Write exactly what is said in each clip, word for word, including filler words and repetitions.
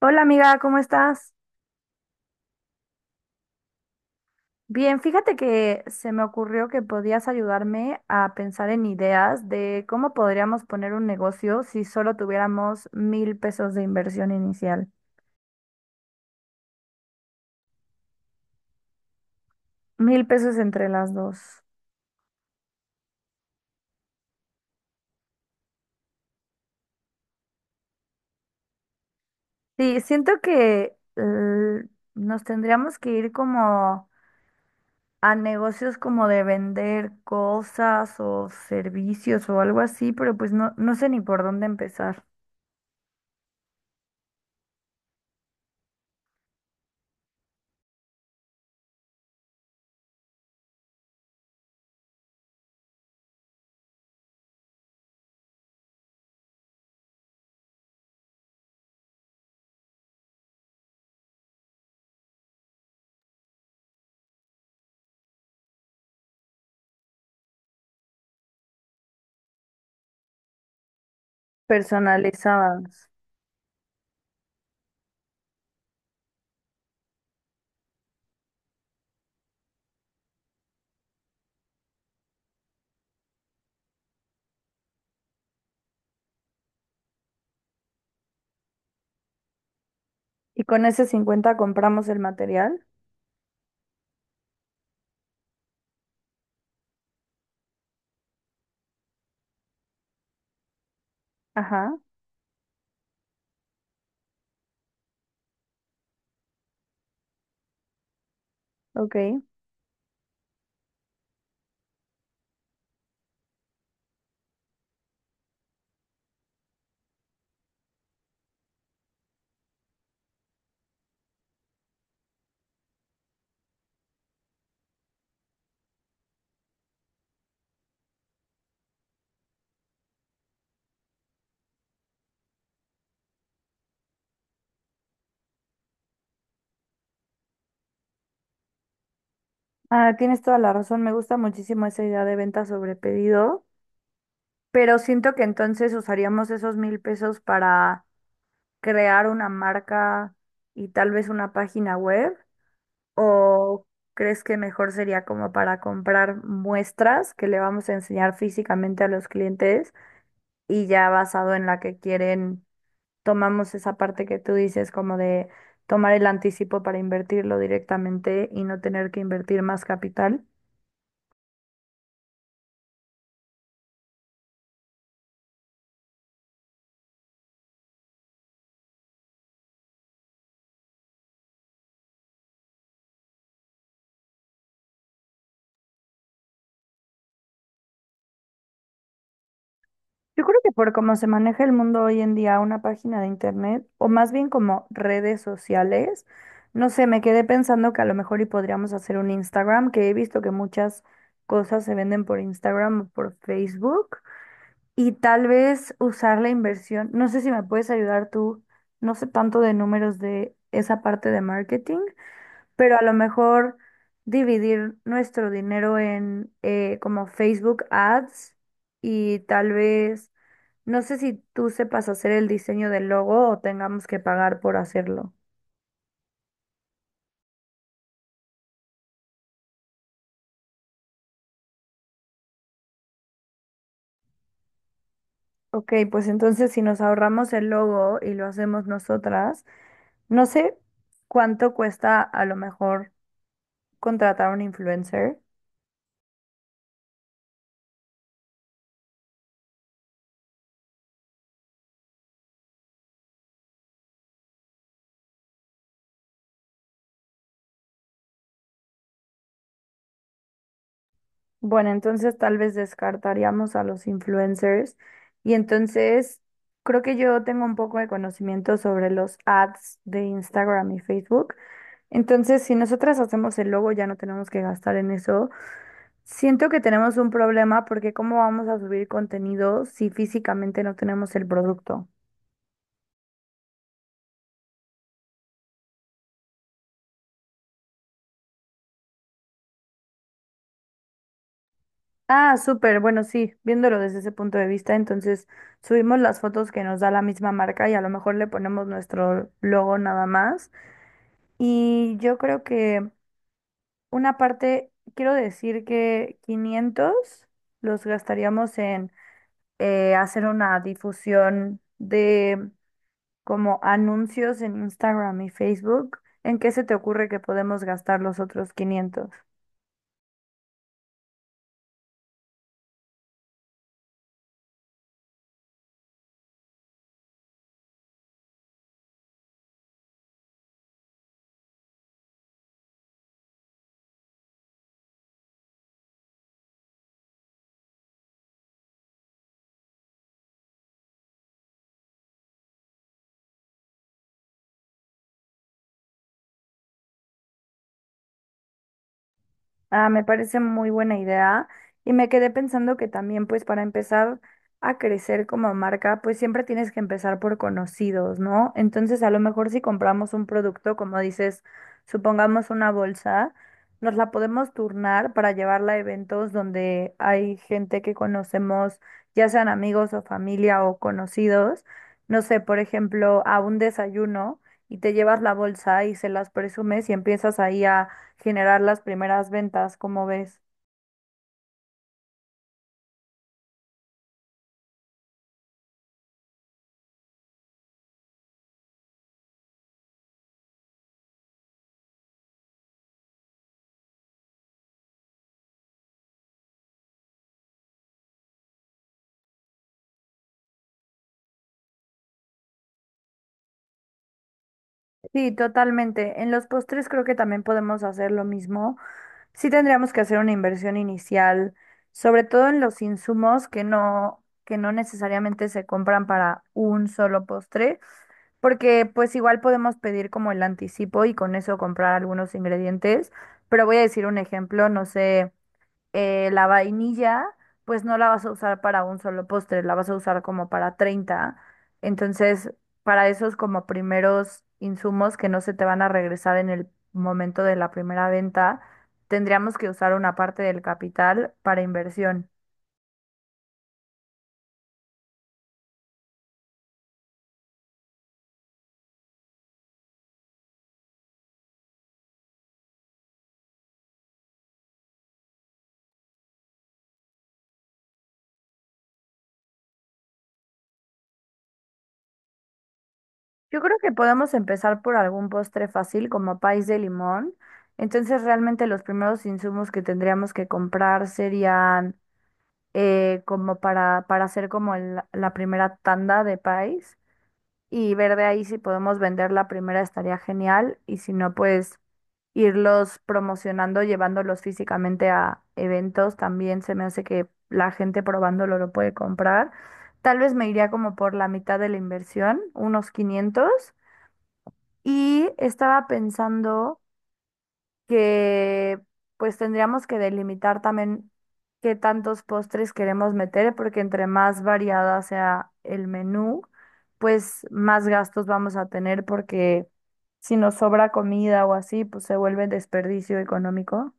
Hola amiga, ¿cómo estás? Bien, fíjate que se me ocurrió que podías ayudarme a pensar en ideas de cómo podríamos poner un negocio si solo tuviéramos mil pesos de inversión inicial. Mil pesos entre las dos. Sí, siento que eh, nos tendríamos que ir como a negocios como de vender cosas o servicios o algo así, pero pues no, no sé ni por dónde empezar. Personalizadas. ¿Y con ese cincuenta compramos el material? Ajá, ok. Ah, tienes toda la razón, me gusta muchísimo esa idea de venta sobre pedido, pero siento que entonces usaríamos esos mil pesos para crear una marca y tal vez una página web, ¿o crees que mejor sería como para comprar muestras que le vamos a enseñar físicamente a los clientes y ya basado en la que quieren, tomamos esa parte que tú dices como de tomar el anticipo para invertirlo directamente y no tener que invertir más capital? Yo creo que por cómo se maneja el mundo hoy en día, una página de internet, o más bien como redes sociales, no sé, me quedé pensando que a lo mejor y podríamos hacer un Instagram, que he visto que muchas cosas se venden por Instagram o por Facebook, y tal vez usar la inversión. No sé si me puedes ayudar tú, no sé tanto de números de esa parte de marketing, pero a lo mejor dividir nuestro dinero en eh, como Facebook Ads y tal vez no sé si tú sepas hacer el diseño del logo o tengamos que pagar por hacerlo. Ok, pues entonces si nos ahorramos el logo y lo hacemos nosotras, no sé cuánto cuesta a lo mejor contratar a un influencer. Bueno, entonces tal vez descartaríamos a los influencers y entonces creo que yo tengo un poco de conocimiento sobre los ads de Instagram y Facebook. Entonces, si nosotras hacemos el logo, ya no tenemos que gastar en eso. Siento que tenemos un problema porque ¿cómo vamos a subir contenido si físicamente no tenemos el producto? Ah, súper, bueno, sí, viéndolo desde ese punto de vista, entonces subimos las fotos que nos da la misma marca y a lo mejor le ponemos nuestro logo nada más. Y yo creo que una parte, quiero decir que quinientos los gastaríamos en eh, hacer una difusión de como anuncios en Instagram y Facebook, ¿en qué se te ocurre que podemos gastar los otros quinientos? Ah, me parece muy buena idea y me quedé pensando que también pues para empezar a crecer como marca pues siempre tienes que empezar por conocidos, ¿no? Entonces a lo mejor si compramos un producto, como dices, supongamos una bolsa, nos la podemos turnar para llevarla a eventos donde hay gente que conocemos, ya sean amigos o familia o conocidos, no sé, por ejemplo, a un desayuno y te llevas la bolsa y se las presumes y empiezas ahí a generar las primeras ventas, como ves. Sí, totalmente. En los postres creo que también podemos hacer lo mismo. Sí tendríamos que hacer una inversión inicial, sobre todo en los insumos que no, que no necesariamente se compran para un solo postre, porque pues igual podemos pedir como el anticipo y con eso comprar algunos ingredientes. Pero voy a decir un ejemplo, no sé. eh, la vainilla, pues no la vas a usar para un solo postre, la vas a usar como para treinta. Entonces, para esos como primeros insumos que no se te van a regresar en el momento de la primera venta, tendríamos que usar una parte del capital para inversión. Yo creo que podemos empezar por algún postre fácil como país de limón. Entonces, realmente los primeros insumos que tendríamos que comprar serían eh, como para, para hacer como el- la primera tanda de país y ver de ahí si podemos vender la primera estaría genial y si no, pues irlos promocionando, llevándolos físicamente a eventos, también se me hace que la gente probándolo lo puede comprar. Tal vez me iría como por la mitad de la inversión, unos quinientos. Y estaba pensando que pues tendríamos que delimitar también qué tantos postres queremos meter, porque entre más variada sea el menú, pues más gastos vamos a tener, porque si nos sobra comida o así, pues se vuelve desperdicio económico.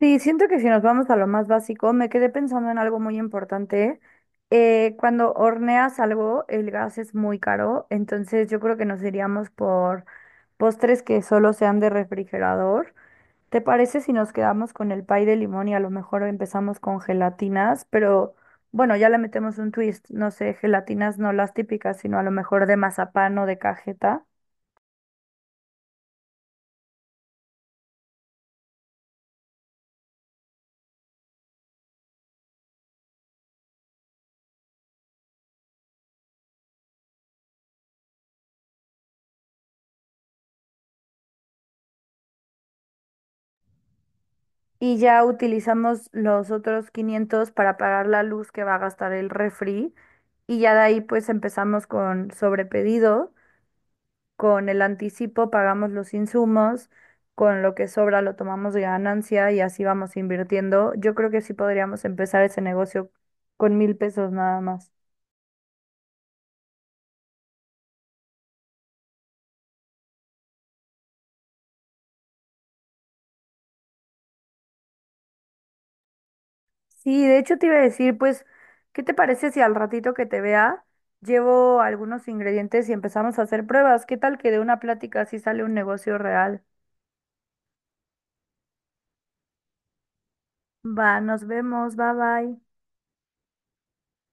Sí, siento que si nos vamos a lo más básico, me quedé pensando en algo muy importante. Eh, cuando horneas algo, el gas es muy caro, entonces yo creo que nos iríamos por postres que solo sean de refrigerador. ¿Te parece si nos quedamos con el pay de limón y a lo mejor empezamos con gelatinas? Pero bueno, ya le metemos un twist, no sé, gelatinas no las típicas, sino a lo mejor de mazapán o de cajeta. Y ya utilizamos los otros quinientos para pagar la luz que va a gastar el refri. Y ya de ahí pues empezamos con sobrepedido. Con el anticipo pagamos los insumos, con lo que sobra lo tomamos de ganancia y así vamos invirtiendo. Yo creo que sí podríamos empezar ese negocio con mil pesos nada más. Sí, de hecho te iba a decir, pues, ¿qué te parece si al ratito que te vea llevo algunos ingredientes y empezamos a hacer pruebas? ¿Qué tal que de una plática así sale un negocio real? Va, nos vemos, bye bye.